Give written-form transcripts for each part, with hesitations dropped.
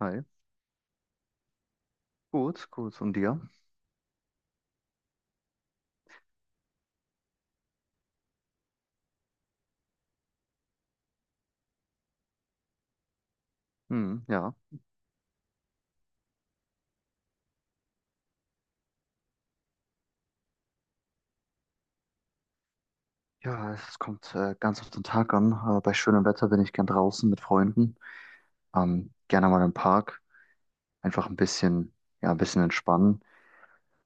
Hi. Gut, gut. Und dir? Hm, ja. Ja, es kommt ganz auf den Tag an. Bei schönem Wetter bin ich gern draußen mit Freunden. Gerne mal im Park. Einfach ja, ein bisschen entspannen.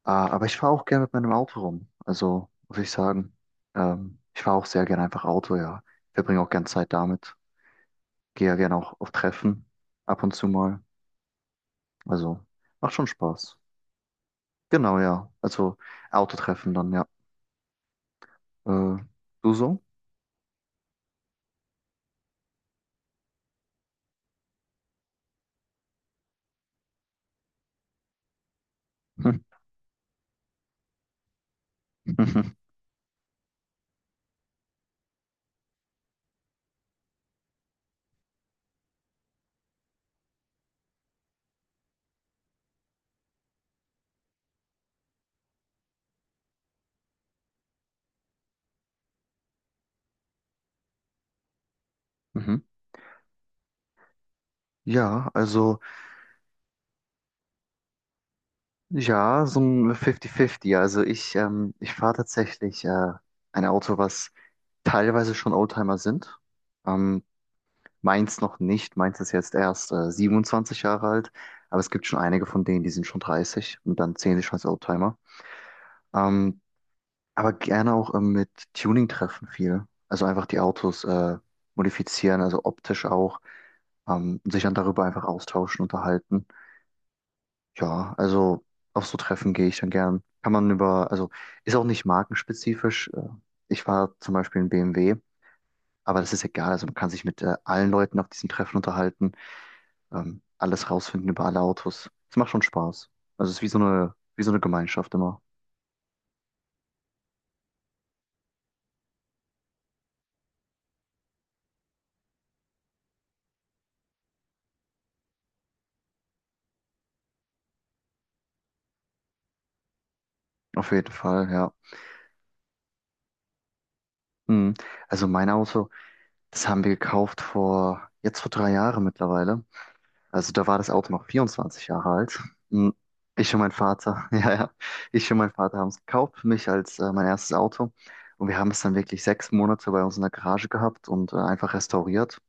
Aber ich fahre auch gerne mit meinem Auto rum. Also muss ich sagen, ich fahre auch sehr gerne einfach Auto, ja. Verbringe auch gern Zeit damit. Gehe ja gerne auch auf Treffen ab und zu mal. Also macht schon Spaß. Genau, ja. Also Autotreffen dann, ja. Äh, Du so? Mhm. Ja, also ja, so ein 50-50. Also ich fahre tatsächlich ein Auto, was teilweise schon Oldtimer sind. Ähm, Meins noch nicht. Meins ist jetzt erst 27 Jahre alt, aber es gibt schon einige von denen, die sind schon 30 und dann zählen sie schon als Oldtimer. Ähm, aber gerne auch mit Tuning treffen viel. Also einfach die Autos modifizieren, also optisch auch, und sich dann darüber einfach austauschen, unterhalten. Ja, also auf so Treffen gehe ich dann gern. Kann man über, also ist auch nicht markenspezifisch. Ich war zum Beispiel in BMW, aber das ist egal. Also man kann sich mit allen Leuten auf diesen Treffen unterhalten, alles rausfinden über alle Autos. Es macht schon Spaß. Also es ist wie so eine Gemeinschaft immer. Auf jeden Fall, ja. Mhm. Also mein Auto, das haben wir gekauft jetzt vor 3 Jahren mittlerweile. Also da war das Auto noch 24 Jahre alt. Hm, ich und mein Vater, ja, ja, ich und mein Vater haben es gekauft für mich als mein erstes Auto. Und wir haben es dann wirklich 6 Monate bei uns in der Garage gehabt und einfach restauriert,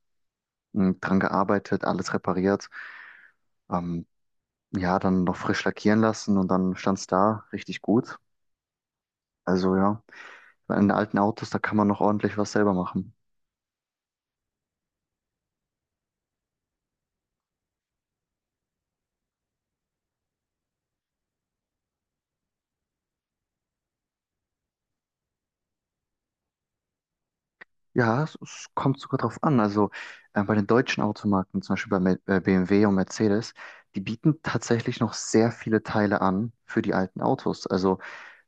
hm, dran gearbeitet, alles repariert. Ähm, ja, dann noch frisch lackieren lassen und dann stand es da richtig gut. Also ja, bei den alten Autos, da kann man noch ordentlich was selber machen. Ja, es kommt sogar drauf an. Also bei den deutschen Automarken, zum Beispiel bei BMW und Mercedes, die bieten tatsächlich noch sehr viele Teile an für die alten Autos. Also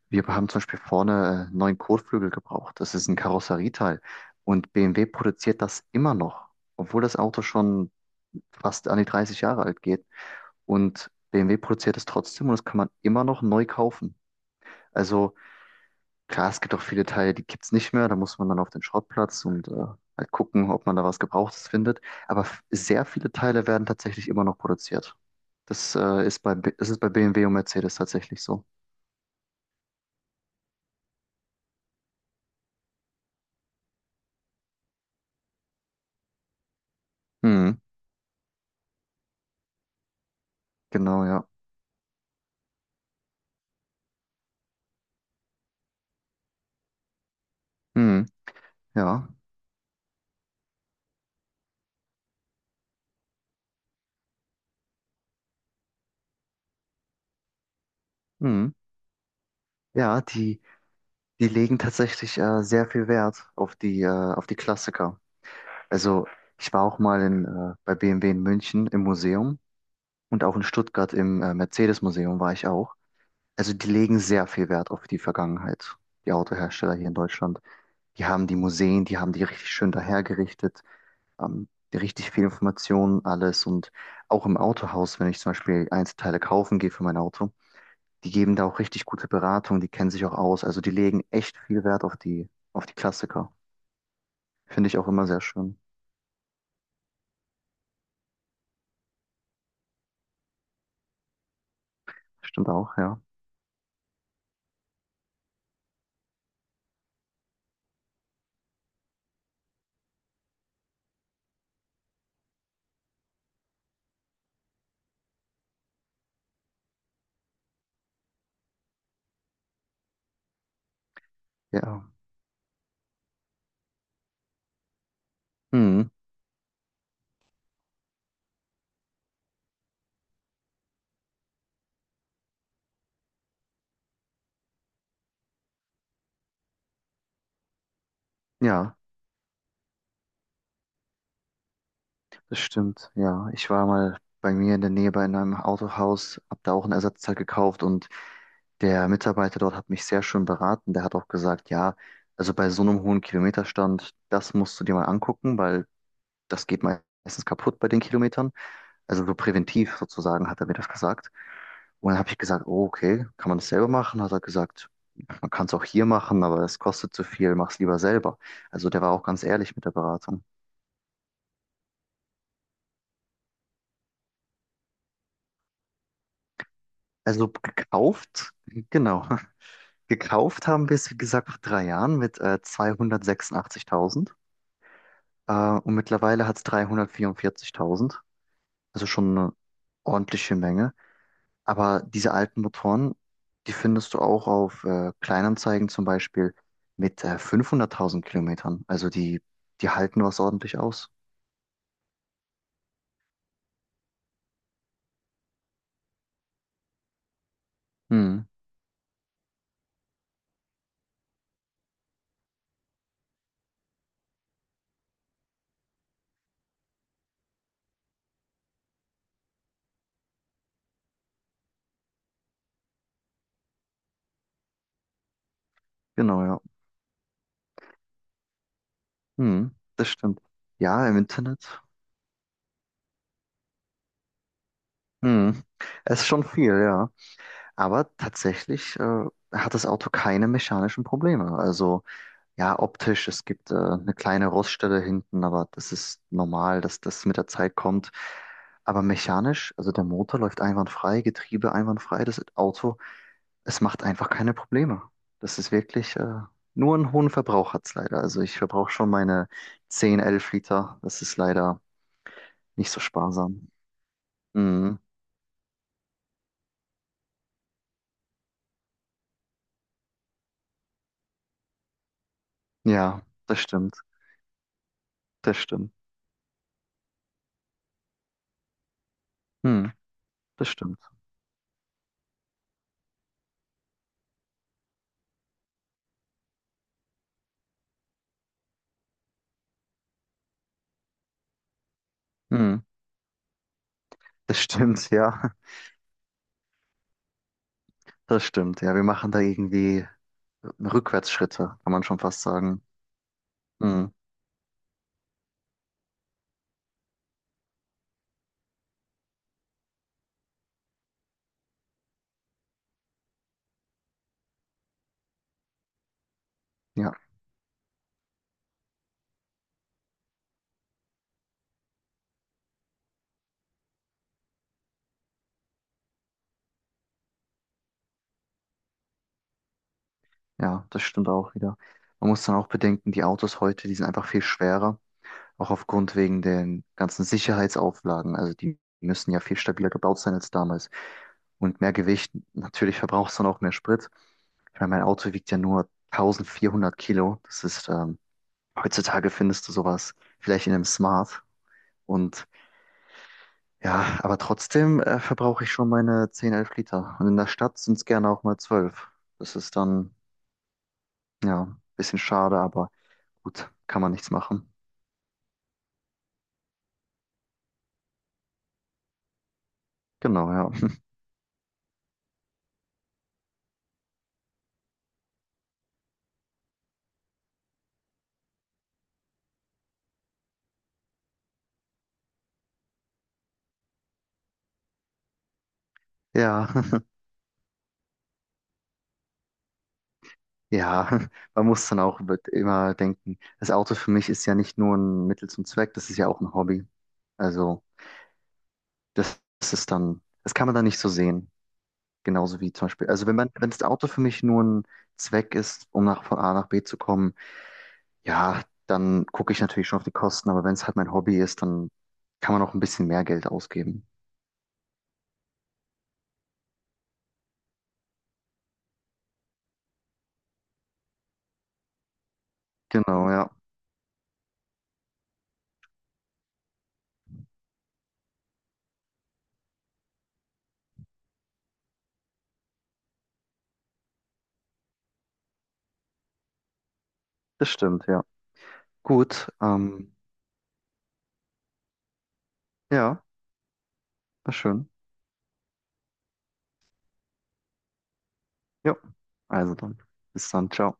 wir haben zum Beispiel vorne neuen Kotflügel gebraucht. Das ist ein Karosserieteil. Und BMW produziert das immer noch, obwohl das Auto schon fast an die 30 Jahre alt geht. Und BMW produziert es trotzdem und das kann man immer noch neu kaufen. Also klar, es gibt auch viele Teile, die gibt's nicht mehr. Da muss man dann auf den Schrottplatz und halt gucken, ob man da was Gebrauchtes findet. Aber sehr viele Teile werden tatsächlich immer noch produziert. Das ist bei BMW und Mercedes tatsächlich so. Hm, genau, ja. Hm, ja. Hm. Ja, die, die legen tatsächlich sehr viel Wert auf auf die Klassiker. Also ich war auch mal bei BMW in München im Museum und auch in Stuttgart im Mercedes-Museum war ich auch. Also die legen sehr viel Wert auf die Vergangenheit, die Autohersteller hier in Deutschland. Die haben die Museen, die haben die richtig schön dahergerichtet, ähm, die richtig viel Informationen, alles. Und auch im Autohaus, wenn ich zum Beispiel Einzelteile kaufen gehe für mein Auto, die geben da auch richtig gute Beratung, die kennen sich auch aus. Also die legen echt viel Wert auf auf die Klassiker. Finde ich auch immer sehr schön. Stimmt auch, ja. Ja. Hm, ja. Das stimmt, ja. Ich war mal bei mir in der Nähe bei einem Autohaus, habe da auch ein Ersatzteil gekauft und der Mitarbeiter dort hat mich sehr schön beraten. Der hat auch gesagt, ja, also bei so einem hohen Kilometerstand, das musst du dir mal angucken, weil das geht meistens kaputt bei den Kilometern. Also so präventiv sozusagen hat er mir das gesagt. Und dann habe ich gesagt, oh, okay, kann man das selber machen? Hat er gesagt, man kann es auch hier machen, aber es kostet zu viel, mach's lieber selber. Also der war auch ganz ehrlich mit der Beratung. Also gekauft, genau. Gekauft haben wir es, wie gesagt, vor 3 Jahren mit 286.000 äh, und mittlerweile hat es 344.000. Also schon eine ordentliche Menge. Aber diese alten Motoren, die findest du auch auf Kleinanzeigen zum Beispiel mit 500.000 Kilometern. Also die halten was ordentlich aus. Hm, genau, ja. Hm, das stimmt. Ja, im Internet. Hm, es ist schon viel, ja. Aber tatsächlich hat das Auto keine mechanischen Probleme. Also ja, optisch, es gibt eine kleine Roststelle hinten, aber das ist normal, dass das mit der Zeit kommt. Aber mechanisch, also der Motor läuft einwandfrei, Getriebe einwandfrei, das Auto, es macht einfach keine Probleme. Das ist wirklich nur einen hohen Verbrauch hat's leider. Also ich verbrauche schon meine 10 11 Liter. Das ist leider nicht so sparsam. Mhm. Ja, das stimmt, das stimmt. Mhm. Das stimmt. Mhm. Das stimmt, ja. Das stimmt, ja. Wir machen da irgendwie Rückwärtsschritte, kann man schon fast sagen. Mhm. Ja, ja, das stimmt auch wieder. Man muss dann auch bedenken, die Autos heute, die sind einfach viel schwerer, auch aufgrund wegen den ganzen Sicherheitsauflagen. Also die müssen ja viel stabiler gebaut sein als damals. Und mehr Gewicht, natürlich verbraucht es dann auch mehr Sprit. Ich meine, mein Auto wiegt ja nur 1400 Kilo. Das ist, heutzutage findest du sowas vielleicht in einem Smart. Und ja, aber trotzdem verbrauche ich schon meine 10, 11 Liter. Und in der Stadt sind es gerne auch mal 12. Das ist dann, ja, ein bisschen schade, aber gut, kann man nichts machen. Genau, ja. Ja, ja, man muss dann auch wird immer denken, das Auto für mich ist ja nicht nur ein Mittel zum Zweck, das ist ja auch ein Hobby. Also, das ist dann, das kann man dann nicht so sehen. Genauso wie zum Beispiel, wenn das Auto für mich nur ein Zweck ist, um von A nach B zu kommen, ja, dann gucke ich natürlich schon auf die Kosten, aber wenn es halt mein Hobby ist, dann kann man auch ein bisschen mehr Geld ausgeben. Genau, ja. Das stimmt, ja. Gut, ja, war schön. Ja, also dann. Bis dann, ciao.